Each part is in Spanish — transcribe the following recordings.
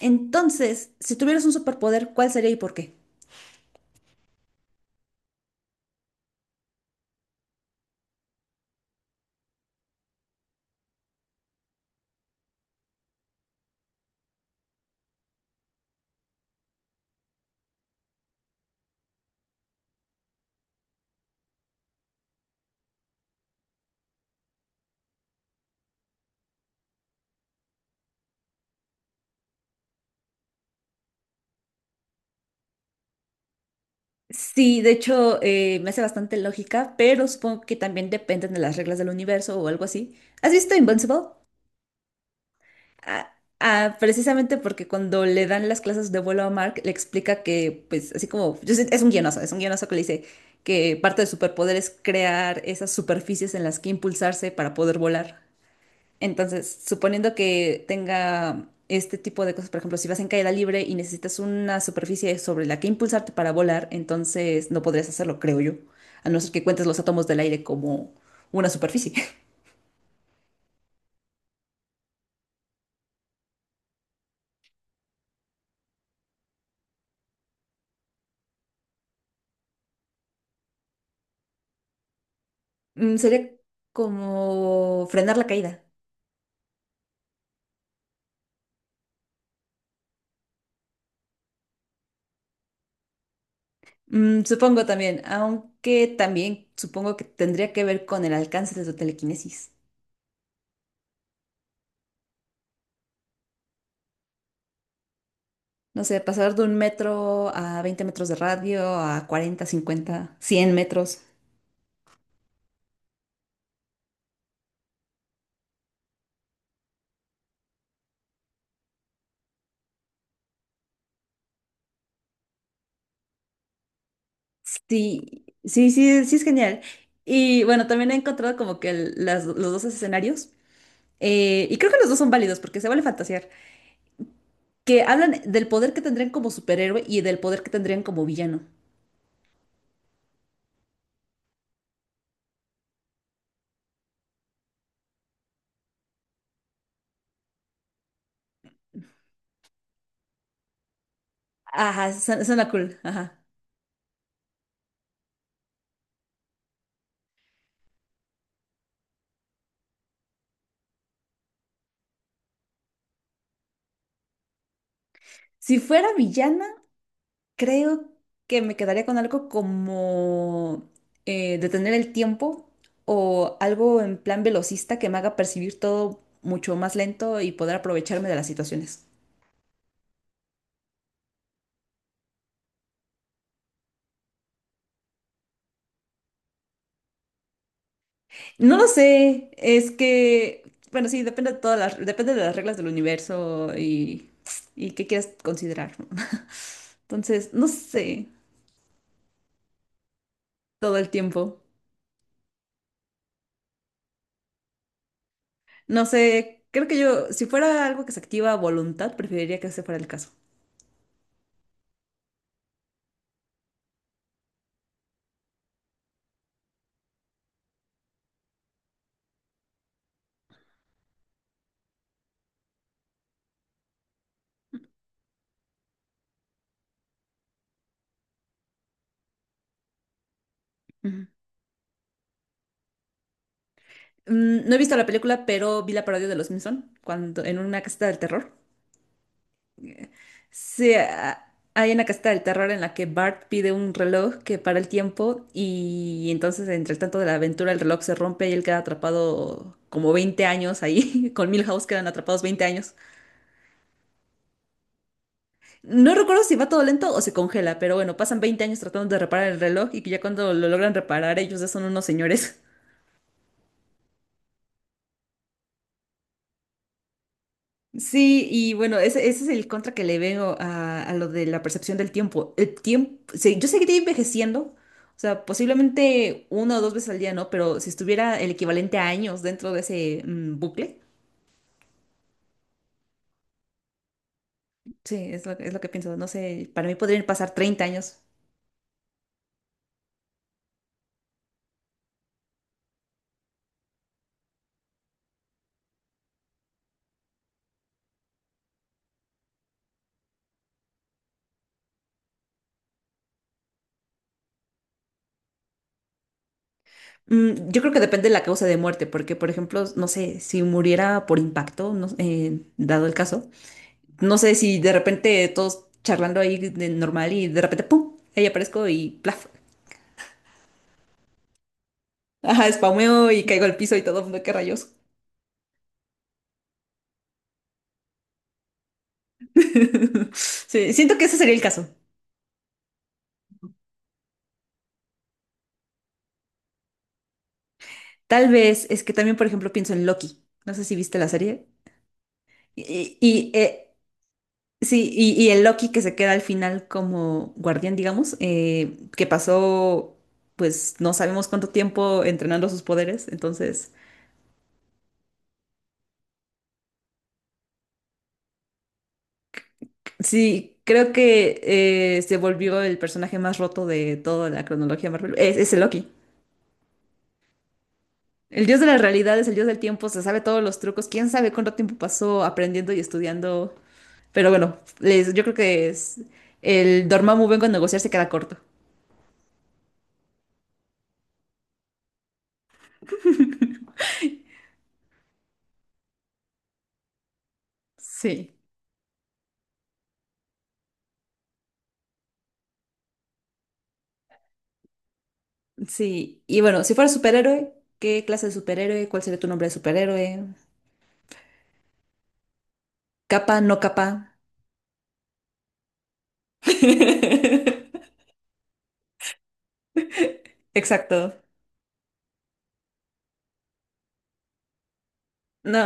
Entonces, si tuvieras un superpoder, ¿cuál sería y por qué? Sí, de hecho, me hace bastante lógica, pero supongo que también dependen de las reglas del universo o algo así. ¿Has visto Invincible? Ah, ah, precisamente porque cuando le dan las clases de vuelo a Mark, le explica que, pues, así como, es un guionazo que le dice que parte del superpoder es crear esas superficies en las que impulsarse para poder volar. Entonces, suponiendo que tenga este tipo de cosas, por ejemplo, si vas en caída libre y necesitas una superficie sobre la que impulsarte para volar, entonces no podrías hacerlo, creo yo, a no ser que cuentes los átomos del aire como una superficie. Sería como frenar la caída. Supongo también, aunque también supongo que tendría que ver con el alcance de tu telequinesis. No sé, pasar de 1 metro a 20 metros de radio, a 40, 50, 100 metros. Sí, sí, sí, sí es genial. Y bueno, también he encontrado como que los dos escenarios, y creo que los dos son válidos porque se vale fantasear, que hablan del poder que tendrían como superhéroe y del poder que tendrían como villano. Ajá, suena cool, ajá. Si fuera villana, creo que me quedaría con algo como detener el tiempo o algo en plan velocista que me haga percibir todo mucho más lento y poder aprovecharme de las situaciones. No lo sé, es que, bueno, sí, depende de todas las, depende de las reglas del universo y qué quieras considerar, ¿no? Entonces, no sé, todo el tiempo. No sé, creo que yo, si fuera algo que se activa a voluntad, preferiría que ese fuera el caso. Ujú. No he visto la película, pero vi la parodia de Los Simpson cuando en una caseta del terror. Sí, hay una casita del terror en la que Bart pide un reloj que para el tiempo y entonces entre el tanto de la aventura el reloj se rompe y él queda atrapado como 20 años ahí, con Milhouse quedan atrapados 20 años. No recuerdo si va todo lento o se congela, pero bueno, pasan 20 años tratando de reparar el reloj y que ya cuando lo logran reparar ellos ya son unos señores. Sí, y bueno, ese es el contra que le veo a, lo de la percepción del tiempo. El tiempo, sí, yo seguiría envejeciendo, o sea, posiblemente una o dos veces al día, ¿no? Pero si estuviera el equivalente a años dentro de ese bucle, sí, es lo que pienso. No sé, para mí podrían pasar 30 años. Yo creo que depende de la causa de muerte, porque, por ejemplo, no sé, si muriera por impacto, no, dado el caso, no sé si de repente todos charlando ahí de normal y de repente, ¡pum! Ahí aparezco y ¡plaf! Ajá, spameo y caigo al piso y todo el mundo, qué rayos. Sí, siento que ese sería el caso. Tal vez es que también, por ejemplo, pienso en Loki. No sé si viste la serie. Y, y, eh, sí, y el Loki que se queda al final como guardián, digamos, que pasó, pues no sabemos cuánto tiempo entrenando sus poderes. Entonces, sí, creo que se volvió el personaje más roto de toda la cronología Marvel. Es el Loki. El dios de las realidades, el dios del tiempo, se sabe todos los trucos. Quién sabe cuánto tiempo pasó aprendiendo y estudiando. Pero bueno, yo creo que es el Dormammu vengo a negociar se queda corto. Sí. Sí, y bueno, si fuera superhéroe, ¿qué clase de superhéroe? ¿Cuál sería tu nombre de superhéroe? ¿Capa, no capa? Exacto. No,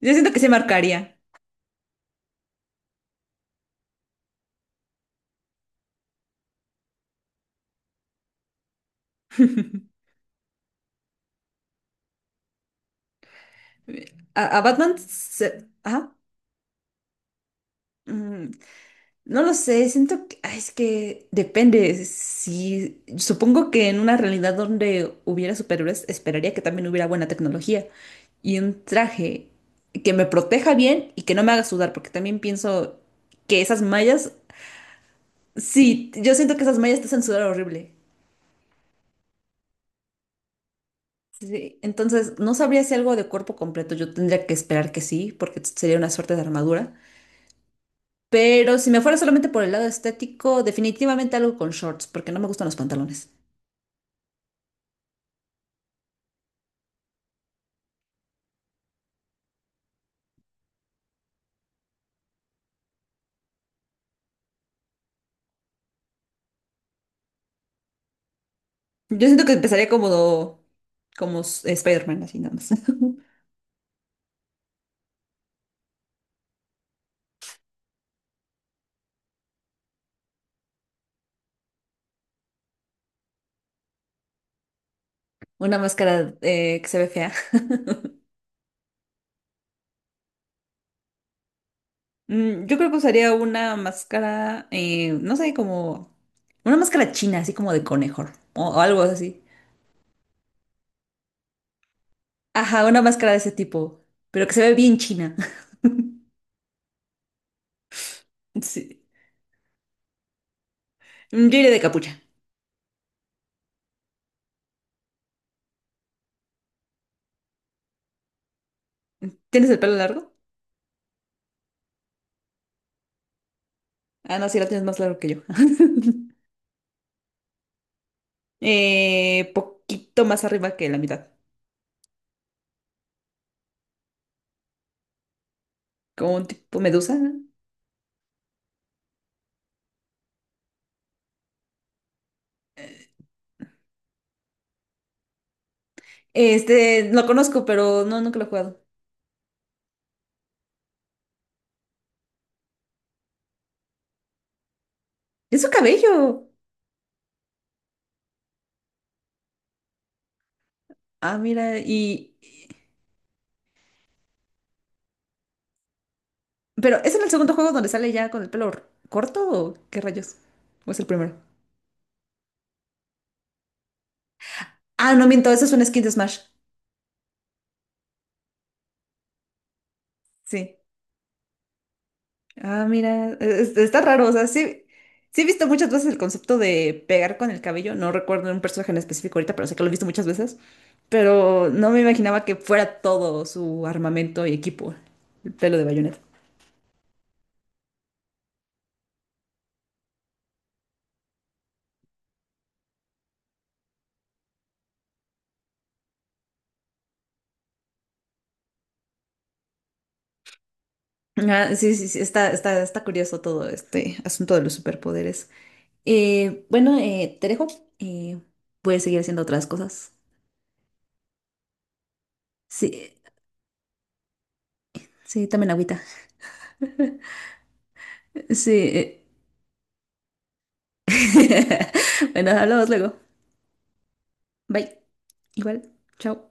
yo siento que se marcaría. A Batman se... Ajá. Mm, No lo sé, siento que ay, es que depende. Si supongo que en una realidad donde hubiera superhéroes, esperaría que también hubiera buena tecnología y un traje que me proteja bien y que no me haga sudar, porque también pienso que esas mallas, sí, yo siento que esas mallas te hacen sudar horrible. Sí, entonces no sabría si algo de cuerpo completo, yo tendría que esperar que sí, porque sería una suerte de armadura. Pero si me fuera solamente por el lado estético, definitivamente algo con shorts, porque no me gustan los pantalones. Yo siento que empezaría como Spider-Man, así nada más. Una máscara que se ve fea. Yo creo que usaría una máscara, no sé, como una máscara china, así como de conejo o algo así. Ajá, una máscara de ese tipo, pero que se ve bien china. Sí. Yo iría de capucha. ¿Tienes el pelo largo? Ah, no, sí, lo tienes más largo que yo. Poquito más arriba que la mitad, como un tipo medusa. Lo conozco, pero no, nunca lo he jugado. ¡Es su cabello! Ah, mira. Pero, ¿es en el segundo juego donde sale ya con el pelo corto o qué rayos? ¿O es el primero? Ah, no miento, eso es un skin de Smash. Sí. Ah, mira, está raro, o sea, sí, sí he visto muchas veces el concepto de pegar con el cabello, no recuerdo un personaje en específico ahorita, pero sé que lo he visto muchas veces, pero no me imaginaba que fuera todo su armamento y equipo, el pelo de Bayonetta. Ah, sí, sí, sí, está curioso todo este asunto de los superpoderes. Bueno, te dejo. Eh, Puedes seguir haciendo otras cosas. Sí, sí, también agüita. Sí. Bueno, hablamos luego. Bye. Igual. Chao.